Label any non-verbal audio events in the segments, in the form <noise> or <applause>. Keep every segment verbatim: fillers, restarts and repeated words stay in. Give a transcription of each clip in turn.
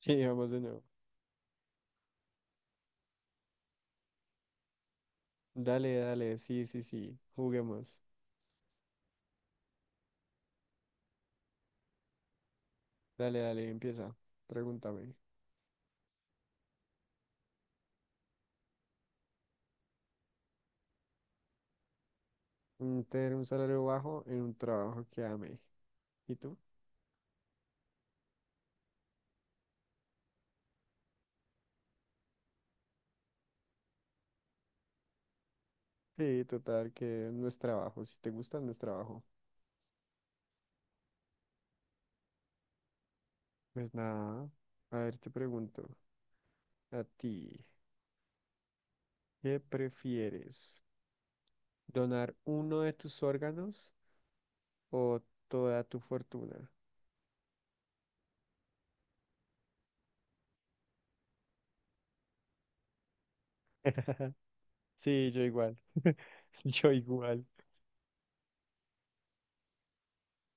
Sí, vamos de nuevo. Dale, dale, sí, sí, sí, juguemos. Dale, dale, empieza. Pregúntame. Mm, Tener un salario bajo en un trabajo que ame. ¿Y tú? Sí, total, que no es trabajo. Si te gusta, no es trabajo. Pues nada. A ver, te pregunto. A ti, ¿qué prefieres? ¿Donar uno de tus órganos o toda tu fortuna? <laughs> Sí, yo igual. <laughs> Yo igual.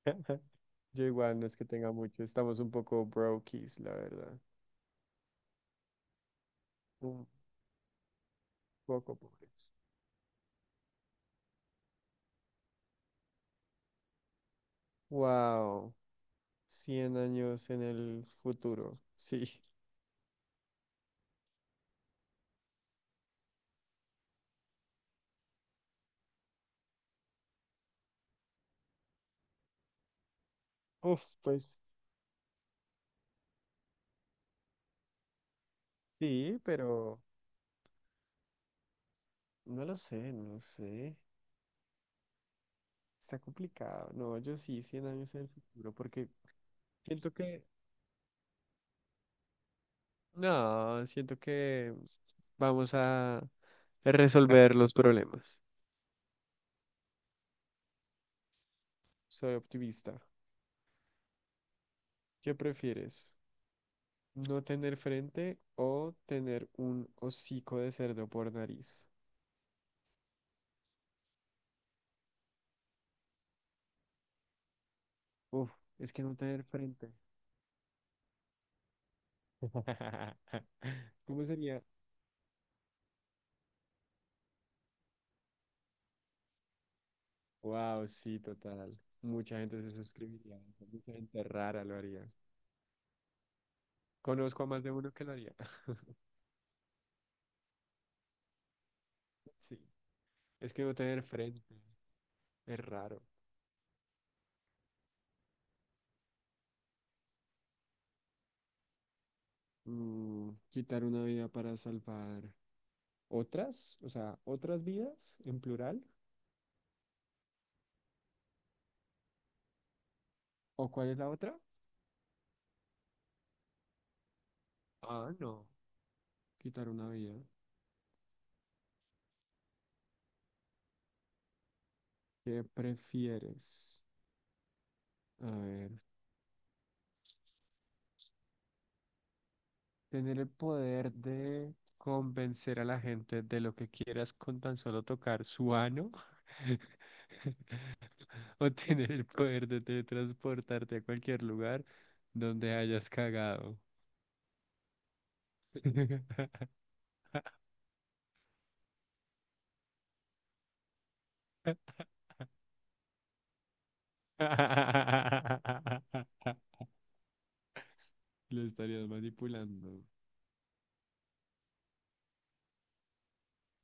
<laughs> Yo igual no es que tenga mucho, estamos un poco brokies, la verdad. Un poco pobres. Wow, cien años en el futuro. Sí. Uf, pues sí, pero no lo sé, no sé. Está complicado. No, yo sí, cien años en el futuro, porque siento que, no, siento que vamos a resolver los problemas. Soy optimista. ¿Qué prefieres? No tener frente o tener un hocico de cerdo por nariz. Uf, es que no tener frente. <laughs> ¿Cómo sería? Wow, sí, total. Mucha gente se suscribiría. Mucha gente rara lo haría. Conozco a más de uno que lo haría. <laughs> Sí, es que no tener frente es raro. Mm, quitar una vida para salvar otras, o sea, otras vidas en plural. ¿O cuál es la otra? Ah, no, quitar una vida. ¿Qué prefieres? A ver, tener el poder de convencer a la gente de lo que quieras con tan solo tocar su ano. <laughs> O tener el poder de teletransportarte a cualquier lugar donde hayas cagado. <laughs> Lo estarías manipulando.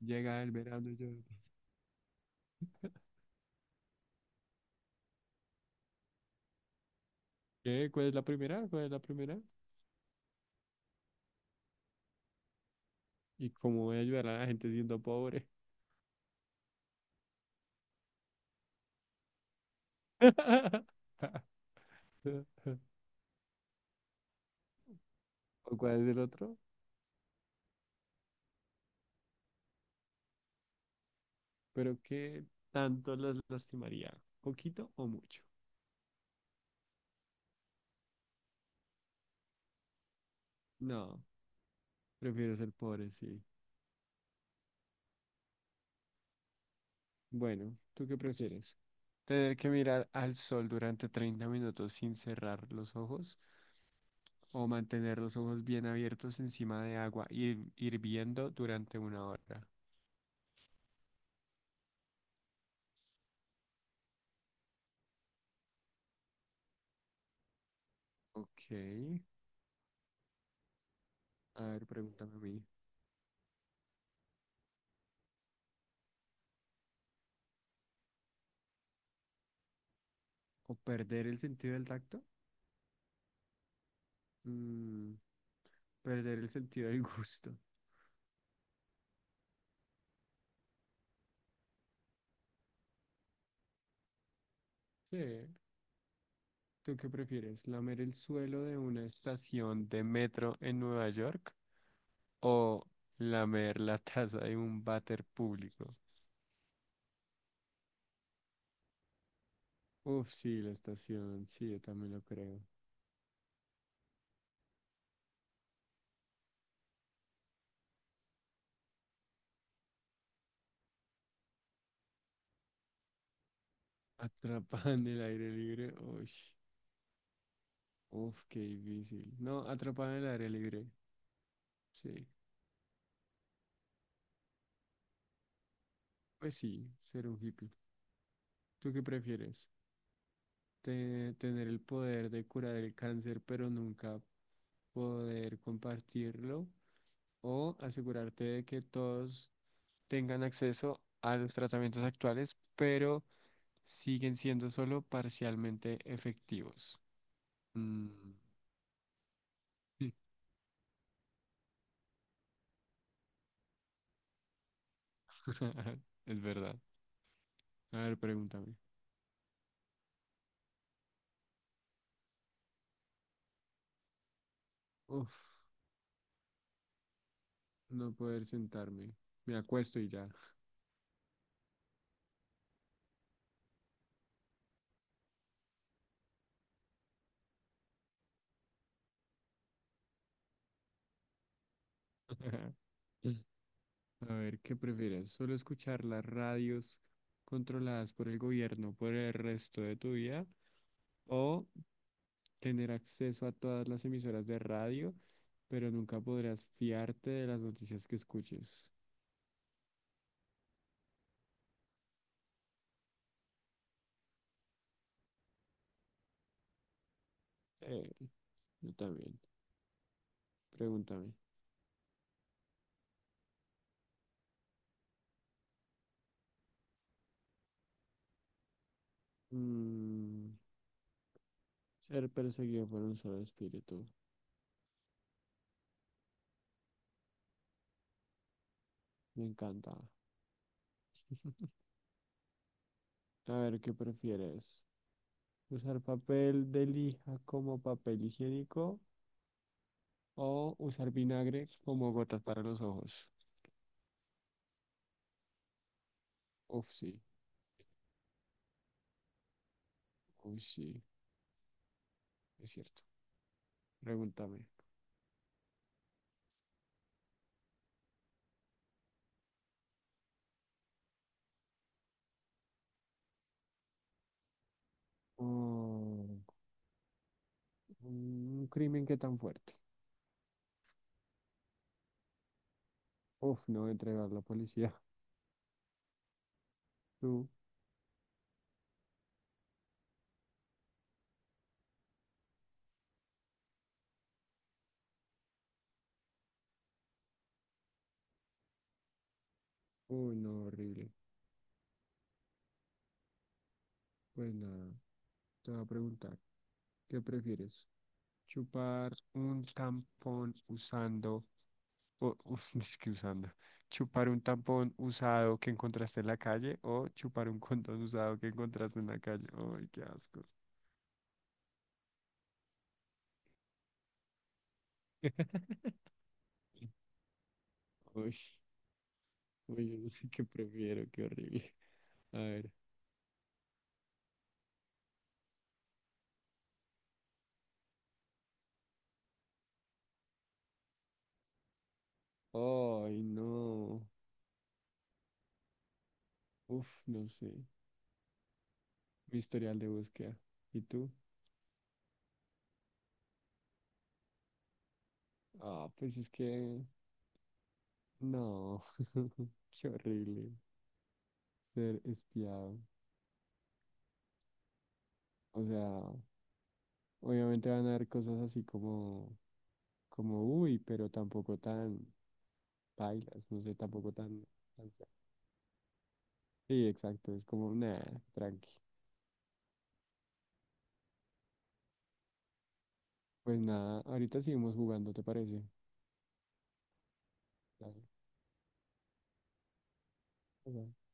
Llega el verano y yo. ¿Qué? ¿Cuál es la primera? ¿Cuál es la primera? ¿Y cómo voy a ayudar a la gente siendo pobre? <laughs> ¿O cuál es el otro? Pero ¿qué tanto las lastimaría? ¿Poquito o mucho? No, prefiero ser pobre, sí. Bueno, ¿tú qué prefieres? ¿Tener que mirar al sol durante treinta minutos sin cerrar los ojos o mantener los ojos bien abiertos encima de agua hir- hirviendo durante una hora? Ok, a ver, pregúntame a mí. ¿O perder el sentido del tacto? Mm, Perder el sentido del gusto. Sí. ¿Tú qué prefieres? ¿Lamer el suelo de una estación de metro en Nueva York o lamer la taza de un váter público? Uf, sí, la estación, sí, yo también lo creo. Atrapada en el aire libre, uy, uf, qué difícil. No, atrapada en el aire libre, sí. Pues sí, ser un hippie. ¿Tú qué prefieres? Te- ¿Tener el poder de curar el cáncer pero nunca poder compartirlo? ¿O asegurarte de que todos tengan acceso a los tratamientos actuales, pero siguen siendo solo parcialmente efectivos. Mm, sí, <laughs> es verdad. A ver, pregúntame. Uf, no poder sentarme. Me acuesto y ya. <laughs> A ver, ¿qué prefieres? ¿Solo escuchar las radios controladas por el gobierno por el resto de tu vida? ¿O tener acceso a todas las emisoras de radio, pero nunca podrás fiarte de las noticias que escuches? Eh, yo también. Pregúntame. Mm, Ser perseguido por un solo espíritu. Me encanta. A ver, ¿qué prefieres? ¿Usar papel de lija como papel higiénico o usar vinagre como gotas para los ojos? Uf, sí. Uy, sí. Es cierto. Pregúntame. Oh, un crimen que tan fuerte. Uf, no entregar a la policía. <laughs> Tú. Uy, no, horrible. Pues nada, te voy a preguntar, ¿qué prefieres? Chupar un tampón usando, o, us- <laughs> es que usando, chupar un tampón usado que encontraste en la calle o chupar un condón usado que encontraste en la calle. Ay, qué asco. <laughs> Uy, uy, yo no sé qué prefiero, qué horrible. A ver. Ay, no. Uf, no sé. Mi historial de búsqueda. ¿Y tú? Ah, pues es que no. <laughs> Qué horrible ser espiado. O sea. Obviamente van a haber cosas así como, como, uy, pero tampoco tan bailas, no sé, tampoco tan... tan fea". Sí, exacto, es como, nada, tranqui. Pues nada, ahorita seguimos jugando, ¿te parece? Dale, bye.